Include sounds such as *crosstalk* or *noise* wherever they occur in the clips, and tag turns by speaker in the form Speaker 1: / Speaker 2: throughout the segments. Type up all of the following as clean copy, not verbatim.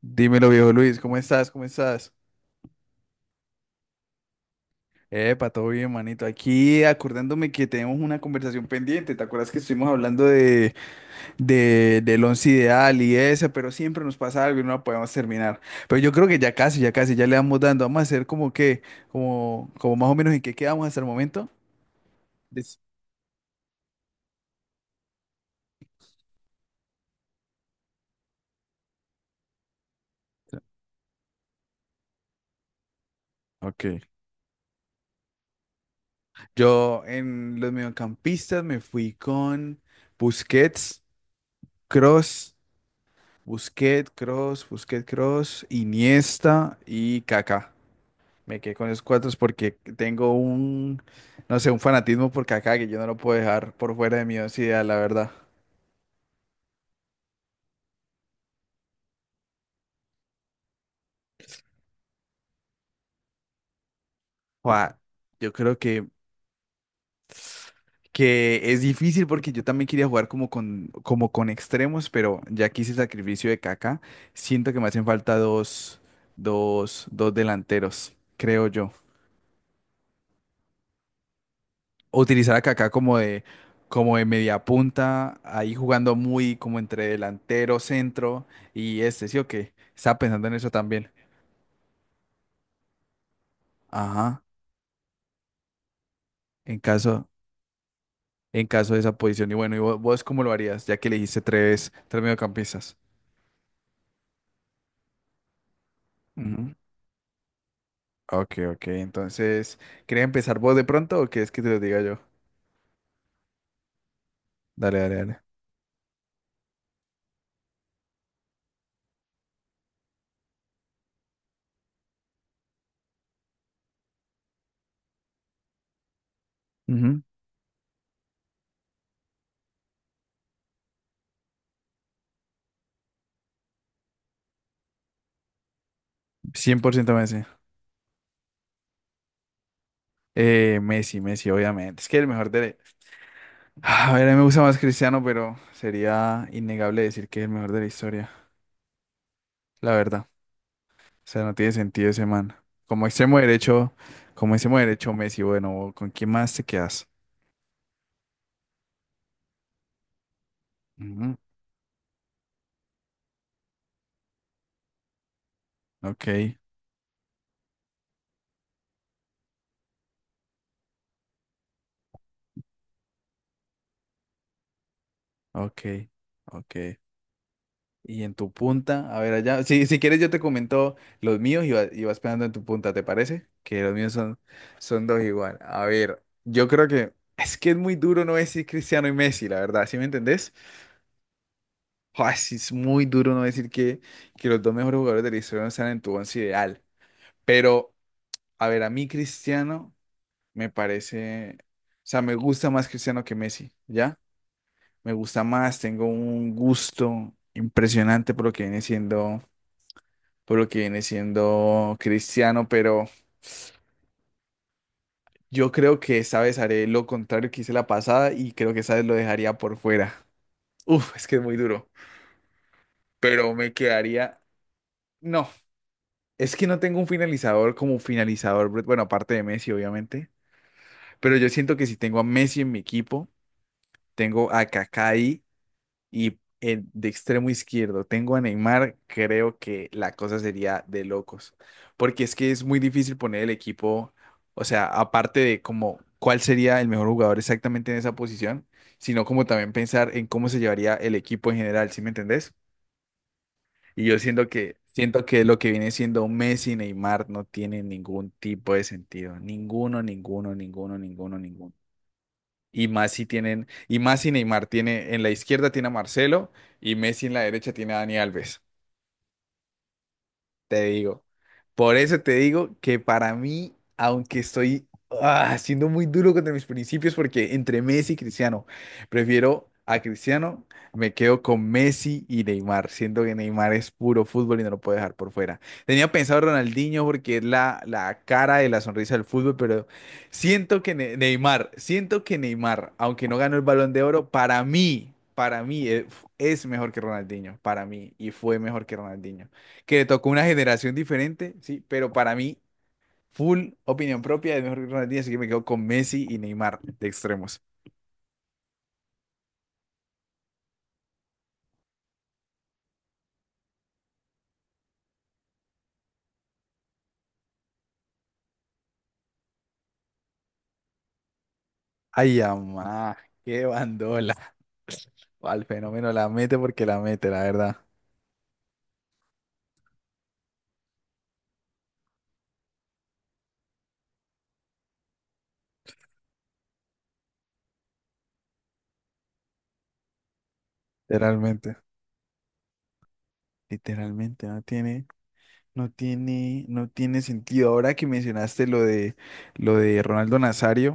Speaker 1: Dímelo, viejo Luis, ¿cómo estás? ¿Cómo estás? Epa, todo bien, manito. Aquí acordándome que tenemos una conversación pendiente. ¿Te acuerdas que estuvimos hablando del once ideal y eso? Pero siempre nos pasa algo y no la podemos terminar. Pero yo creo que ya casi, ya casi, ya le vamos dando. Vamos a hacer como más o menos en qué quedamos hasta el momento. Des- Ok. Yo en los mediocampistas me fui con Busquets, Cross. Busquets, Cross, Iniesta y Kaká. Me quedé con esos cuatro porque tengo un, no sé, un fanatismo por Kaká que yo no lo puedo dejar por fuera de mi once ideal, la verdad. Jua, yo creo que es difícil porque yo también quería jugar como con extremos, pero ya que hice el sacrificio de Kaká, siento que me hacen falta dos delanteros, creo yo. Utilizar a Kaká como de media punta, ahí jugando muy como entre delantero, centro y este, ¿sí o qué? Estaba pensando en eso también. Ajá, en caso, en caso de esa posición. Y bueno, ¿y vos cómo lo harías? Ya que elegiste tres mediocampistas. Ujú. Ok, ok. Entonces, ¿querés empezar vos de pronto o quieres que te lo diga yo? Dale, dale, dale. Ujú. 100% Messi. Messi, Messi, obviamente. Es que el mejor a ver, a mí me gusta más Cristiano, pero sería innegable decir que es el mejor de la historia, la verdad. O sea, no tiene sentido ese man. Como extremo derecho, como extremo derecho Messi, bueno, ¿con quién más te quedas? Ujú. Ok, ok, ok. Y en tu punta, a ver allá, si quieres yo te comento los míos y, y vas pegando en tu punta, ¿te parece? Que los míos son dos igual. A ver, yo creo que es muy duro no decir Cristiano y Messi, la verdad, ¿sí me entendés? Joder, sí es muy duro no decir que los dos mejores jugadores de la historia no están en tu once ideal. Pero, a ver, a mí Cristiano me parece, o sea, me gusta más Cristiano que Messi, ¿ya? Me gusta más, tengo un gusto impresionante por lo que viene siendo, por lo que viene siendo Cristiano, pero yo creo que esta vez haré lo contrario que hice la pasada y creo que esta vez lo dejaría por fuera. Uf, es que es muy duro, pero me quedaría, no. Es que no tengo un finalizador como finalizador, Brett, bueno, aparte de Messi, obviamente. Pero yo siento que si tengo a Messi en mi equipo, tengo a Kaká ahí y en de extremo izquierdo tengo a Neymar, creo que la cosa sería de locos. Porque es que es muy difícil poner el equipo, o sea, aparte de como cuál sería el mejor jugador exactamente en esa posición, sino como también pensar en cómo se llevaría el equipo en general, ¿sí me entendés? Y yo siento que lo que viene siendo Messi y Neymar no tiene ningún tipo de sentido. Ninguno, ninguno, ninguno, ninguno, ninguno. Y más si Neymar tiene, en la izquierda tiene a Marcelo y Messi en la derecha tiene a Dani Alves. Te digo. Por eso te digo que para mí, aunque estoy siendo muy duro contra mis principios, porque entre Messi y Cristiano, prefiero a Cristiano, me quedo con Messi y Neymar, siendo que Neymar es puro fútbol y no lo puedo dejar por fuera. Tenía pensado Ronaldinho porque es la cara y la sonrisa del fútbol, pero siento que Neymar, siento que Neymar, aunque no ganó el Balón de Oro, para mí es mejor que Ronaldinho, para mí, y fue mejor que Ronaldinho que le tocó una generación diferente, sí, pero para mí, full opinión propia de mejor que Ronaldinho, así que me quedo con Messi y Neymar de extremos. Ay, amá, qué bandola. Al fenómeno la mete porque la mete, la verdad. Literalmente. Literalmente, no tiene sentido. Ahora que mencionaste lo de Ronaldo Nazario,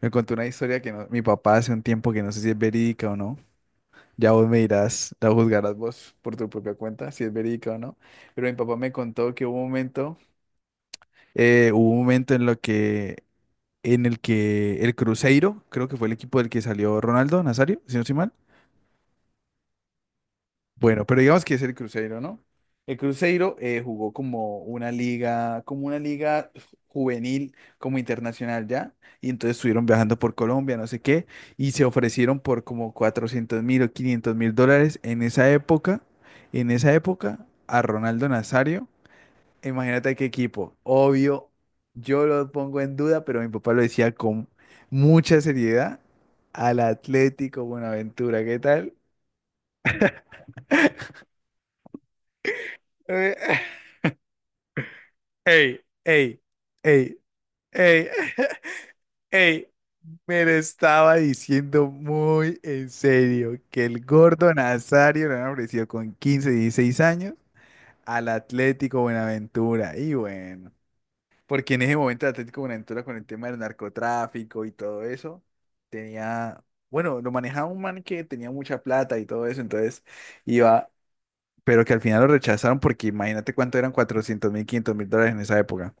Speaker 1: me contó una historia que mi papá hace un tiempo que no sé si es verídica o no. Ya vos me dirás, la juzgarás vos por tu propia cuenta, si es verídica o no. Pero mi papá me contó que hubo un momento, eh, hubo un momento en lo que, en el que el Cruzeiro, creo que fue el equipo del que salió Ronaldo Nazario, si no estoy mal. Bueno, pero digamos que es el Cruzeiro, ¿no? El Cruzeiro jugó como una liga juvenil, como internacional ya, y entonces estuvieron viajando por Colombia, no sé qué, y se ofrecieron por como 400.000 o 500.000 dólares en esa época, a Ronaldo Nazario. Imagínate qué equipo. Obvio, yo lo pongo en duda, pero mi papá lo decía con mucha seriedad al Atlético Buenaventura, ¿qué tal? *laughs* Ey, ey, ey, ey, *laughs* ey. Me lo estaba diciendo muy en serio que el gordo Nazario lo han ofrecido con 15, 16 años al Atlético Buenaventura. Y bueno, porque en ese momento el Atlético Buenaventura con el tema del narcotráfico y todo eso, tenía, bueno, lo manejaba un man que tenía mucha plata y todo eso, entonces iba, pero que al final lo rechazaron porque imagínate cuánto eran 400.000, 500.000 dólares en esa época.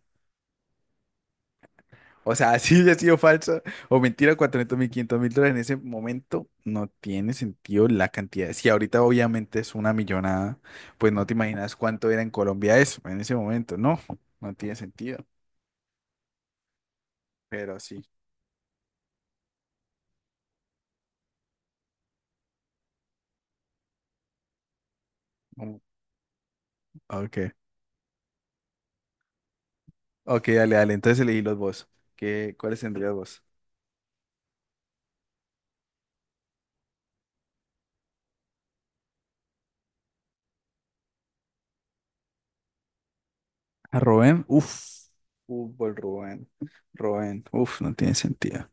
Speaker 1: O sea, *laughs* si hubiera sido falsa o mentira, 400.000, 500 mil dólares en ese momento no tiene sentido la cantidad. Si ahorita obviamente es una millonada, pues no te imaginas cuánto era en Colombia eso en ese momento. No, no tiene sentido. Pero sí. como- Ok, ok, dale, dale. Entonces elegí los vos. ¿Qué, cuáles tendrías vos? A Rubén, uff, fútbol, Rubén, Rubén, uff, no tiene sentido.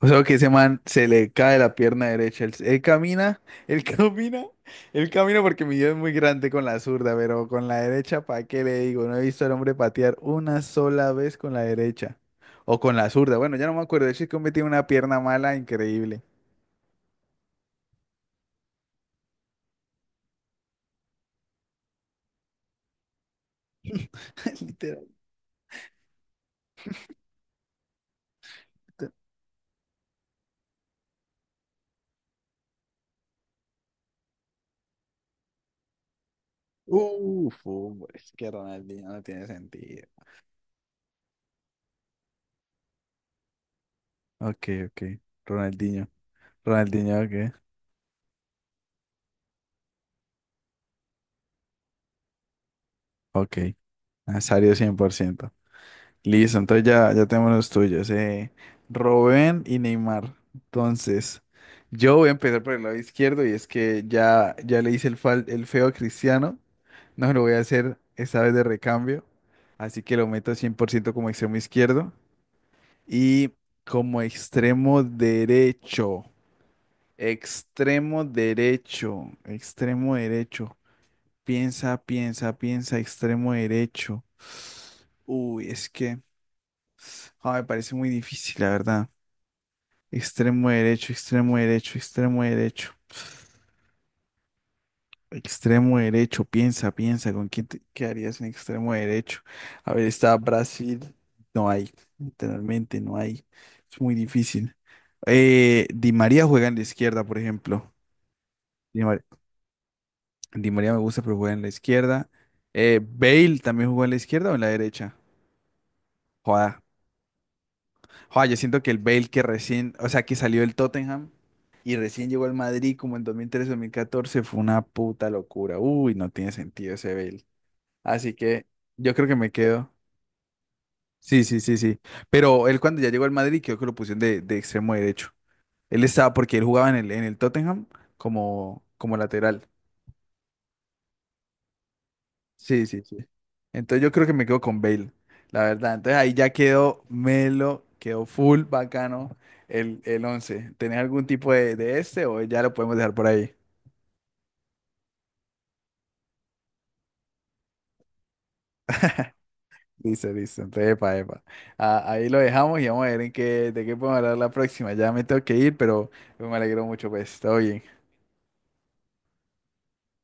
Speaker 1: O sea, que ese man se le cae la pierna derecha. Él camina, él *laughs* camina, él camina porque mi Dios es muy grande con la zurda, pero con la derecha, ¿para qué le digo? No he visto al hombre patear una sola vez con la derecha. O con la zurda. Bueno, ya no me acuerdo. El chico me tiene una pierna mala increíble. *laughs* Literal. Literal. Uf, hombre, es que Ronaldinho no tiene sentido. Ok, ok. Ronaldinho. Ronaldinho, ok. Ok. Nazario 100%. Listo, entonces ya, ya tenemos los tuyos. Robben y Neymar. Entonces, yo voy a empezar por el lado izquierdo y es que ya, ya le hice el feo a Cristiano. No lo voy a hacer esta vez de recambio. Así que lo meto 100% como extremo izquierdo. Y como extremo derecho. Extremo derecho. Extremo derecho. Piensa, piensa, piensa, extremo derecho. Uy, es que. Ah, me parece muy difícil, la verdad. Extremo derecho, extremo derecho, extremo derecho. Extremo derecho, piensa, piensa, ¿con quién te quedarías en extremo derecho? A ver, está Brasil, no hay, literalmente no hay. Es muy difícil. Di María juega en la izquierda, por ejemplo. Di Mar- Di María me gusta, pero juega en la izquierda. Bale también jugó en la izquierda o en la derecha. Joda. Joder, yo siento que el Bale que recién, o sea, que salió del Tottenham y recién llegó al Madrid como en 2013, 2014 fue una puta locura. Uy, no tiene sentido ese Bale. Así que yo creo que me quedo. Sí, sí, sí, sí. Pero él cuando ya llegó al Madrid creo que lo pusieron de extremo derecho. Él estaba porque él jugaba en el Tottenham como lateral. Sí, sí, sí. Entonces yo creo que me quedo con Bale, la verdad. Entonces ahí ya quedó Melo, quedó full bacano el 11. ¿Tenés algún tipo de este o ya lo podemos dejar por ahí? Listo, listo. Entonces, epa, epa. Ah, ahí lo dejamos y vamos a ver de qué podemos hablar la próxima. Ya me tengo que ir, pero me alegro mucho, pues. Todo bien.